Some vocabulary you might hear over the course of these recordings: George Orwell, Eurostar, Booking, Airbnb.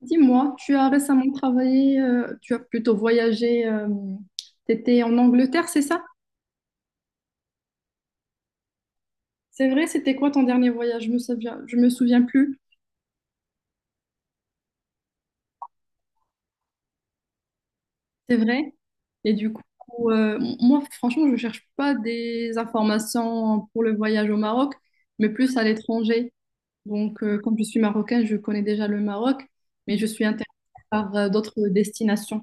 Dis-moi, tu as récemment travaillé, tu as plutôt voyagé, tu étais en Angleterre, c'est ça? C'est vrai, c'était quoi ton dernier voyage? Je me souviens plus, c'est vrai. Et du coup, moi, franchement, je ne cherche pas des informations pour le voyage au Maroc, mais plus à l'étranger. Donc, comme je suis marocaine, je connais déjà le Maroc, mais je suis intéressée par d'autres destinations.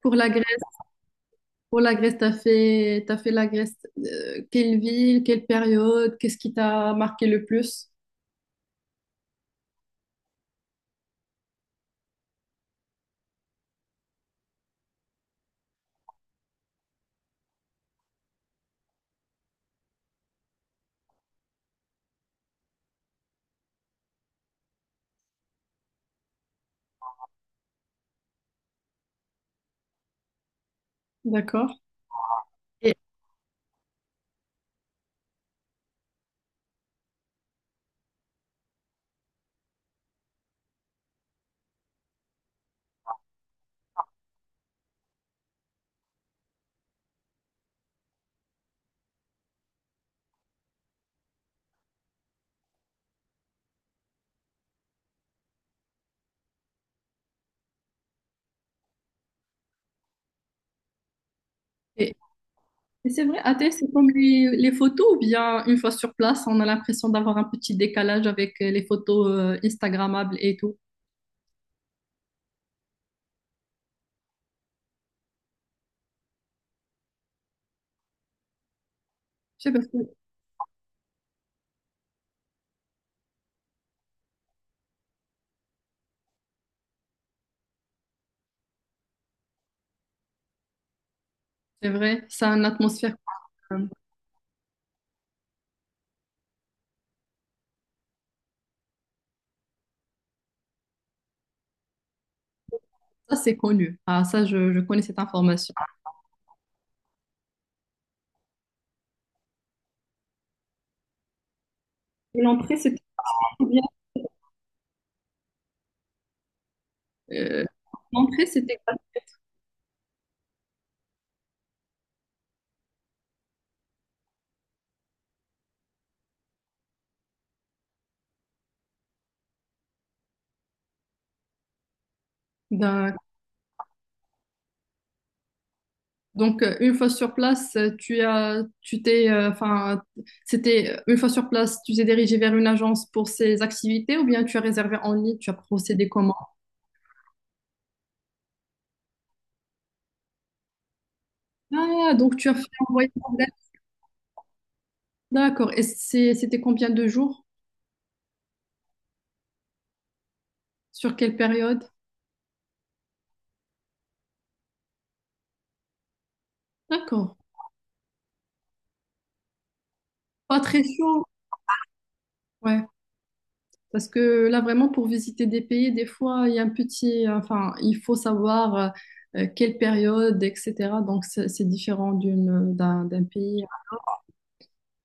Pour la Grèce, pour la Grèce, t'as fait la Grèce, quelle ville, quelle période, qu'est-ce qui t'a marqué le plus? D'accord. Et, et- et c'est vrai, Athènes, c'est comme les photos, ou bien une fois sur place, on a l'impression d'avoir un petit décalage avec les photos Instagrammables et tout. Je sais pas, si c'est vrai, ça a une atmosphère. euh, Ça, c'est connu. Ah, ça, je connais cette information. Et l'entrée, c'était combien? Euh, l'entrée, c'était quoi? Donc, une fois sur place, tu as, tu t'es, enfin, c'était une fois sur place, tu t'es dirigé vers une agence pour ces activités ou bien tu as réservé en ligne, tu as procédé comment? Ah, donc tu as fait un voyage. D'accord. Et c'était combien de jours? Sur quelle période? D'accord. Pas très chaud. Ouais. Parce que là, vraiment, pour visiter des pays, des fois, il y a un petit, enfin, il faut savoir quelle période, etc. Donc, c'est différent d'un pays.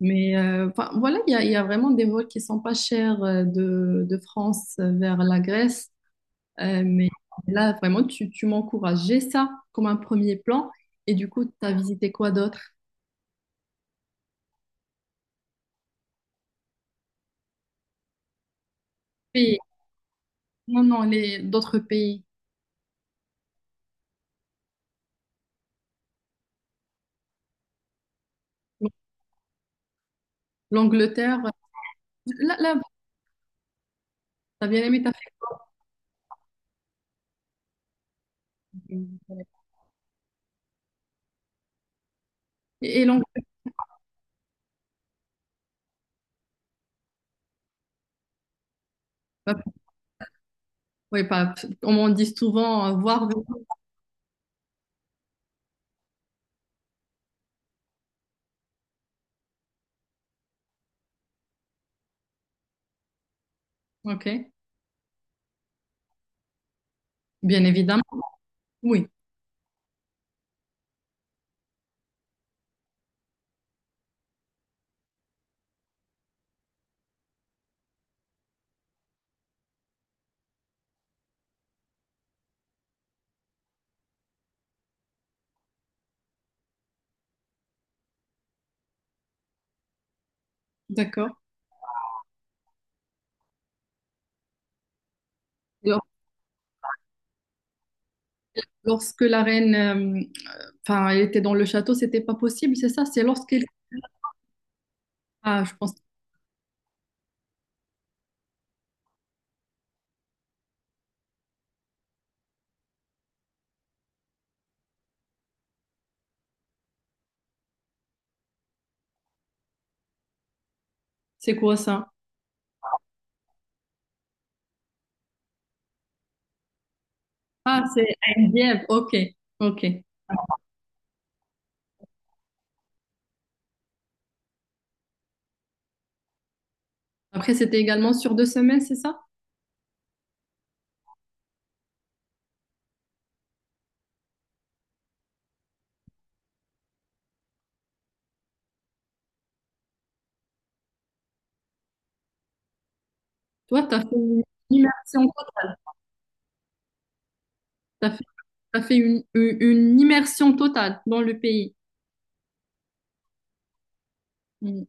Mais enfin, voilà, il y a vraiment des vols qui sont pas chers euh, de France vers la Grèce. Mais là, vraiment, tu m'encourageais ça comme un premier plan. Et du coup, tu as visité quoi d'autre? Pays. Non, non, les d'autres pays. L'Angleterre, là, là, t'as bien aimé, t'as fait. Et l'Angleterre, oui, pas, comme on dit souvent, euh, voir. Ok, bien évidemment, oui, d'accord. Lors- Lorsque la reine, enfin, elle était dans le château, c'était pas possible, c'est ça, c'est lorsqu'elle... Ah, je pense. C'est quoi ça? Ah, c'est à Dieppe. Ok, ok. Après, c'était également sur deux semaines, c'est ça? Toi, t'as fait une immersion totale. T'as fait, t'as fait une immersion totale dans le pays. Mm.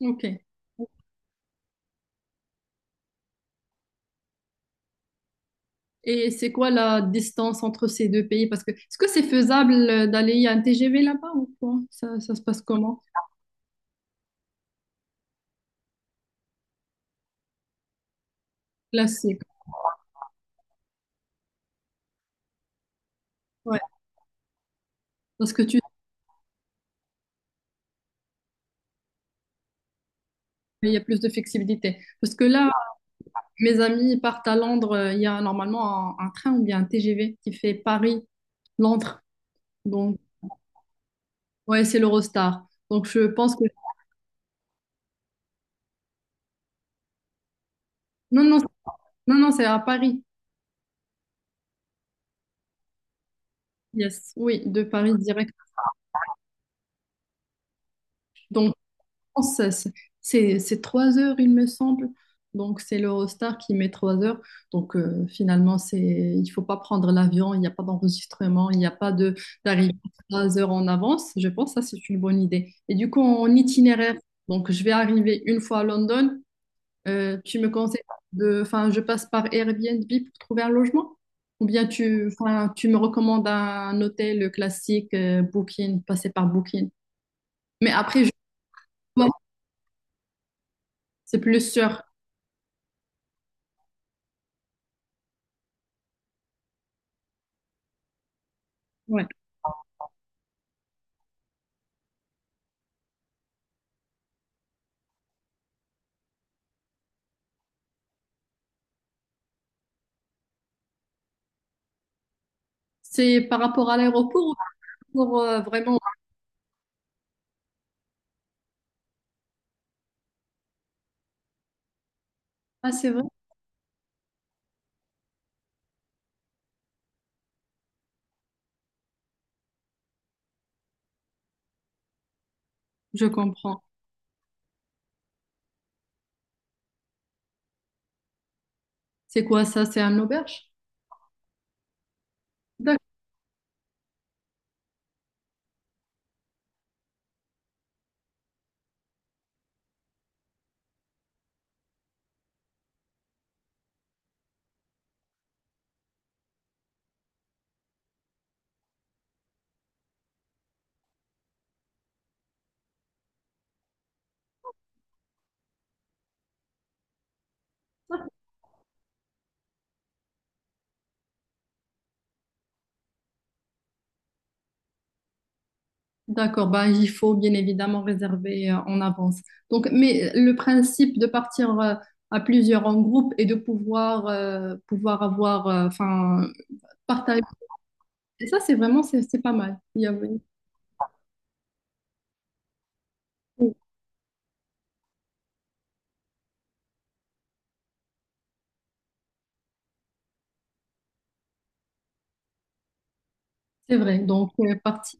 Ok. Et c'est quoi la distance entre ces deux pays? Parce que est-ce que c'est faisable d'aller à un TGV là-bas ou quoi? Ça se passe comment? Classique. Ouais. Parce que tu, il y a plus de flexibilité. Parce que là, mes amis ils partent à Londres. Il y a normalement un train ou bien un TGV qui fait Paris-Londres. Donc, ouais, c'est l'Eurostar. Donc, je pense que... Non, non, non, non, c'est à Paris. Yes, oui, de Paris direct. Donc, je pense que c'est c'est trois heures, il me semble. Donc, c'est l'Eurostar qui met trois heures. Donc, finalement, c'est, il faut pas prendre l'avion. Il n'y a pas d'enregistrement. Il n'y a pas de d'arrivée trois heures en avance. Je pense que ça, c'est une bonne idée. Et du coup, en itinéraire, donc, je vais arriver une fois à London. Tu me conseilles de, enfin, je passe par Airbnb pour trouver un logement? Ou bien enfin, tu me recommandes un hôtel classique, Booking, passer par Booking. Mais après, je vois, c'est plus sûr. Ouais. C'est par rapport à l'aéroport ou pour vraiment. Ah, c'est vrai, je comprends. C'est quoi ça? C'est un auberge? D'accord. D'accord, bah, il faut bien évidemment réserver en avance. Donc, mais le principe de partir à plusieurs en groupe et de pouvoir, avoir, enfin, partager, et ça, c'est vraiment, c'est pas mal. Il y a... C'est vrai, donc parti.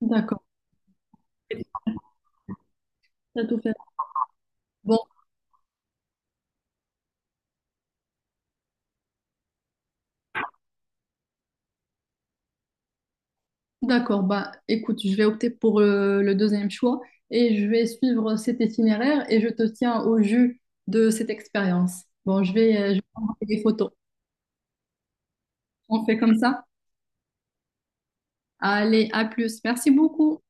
D'accord, t'as tout fait. Bon, d'accord, bah écoute, je vais opter pour le deuxième choix et je vais suivre cet itinéraire et je te tiens au jus de cette expérience. Bon, je vais envoyer des photos. On fait comme ça? Allez, à plus. Merci beaucoup.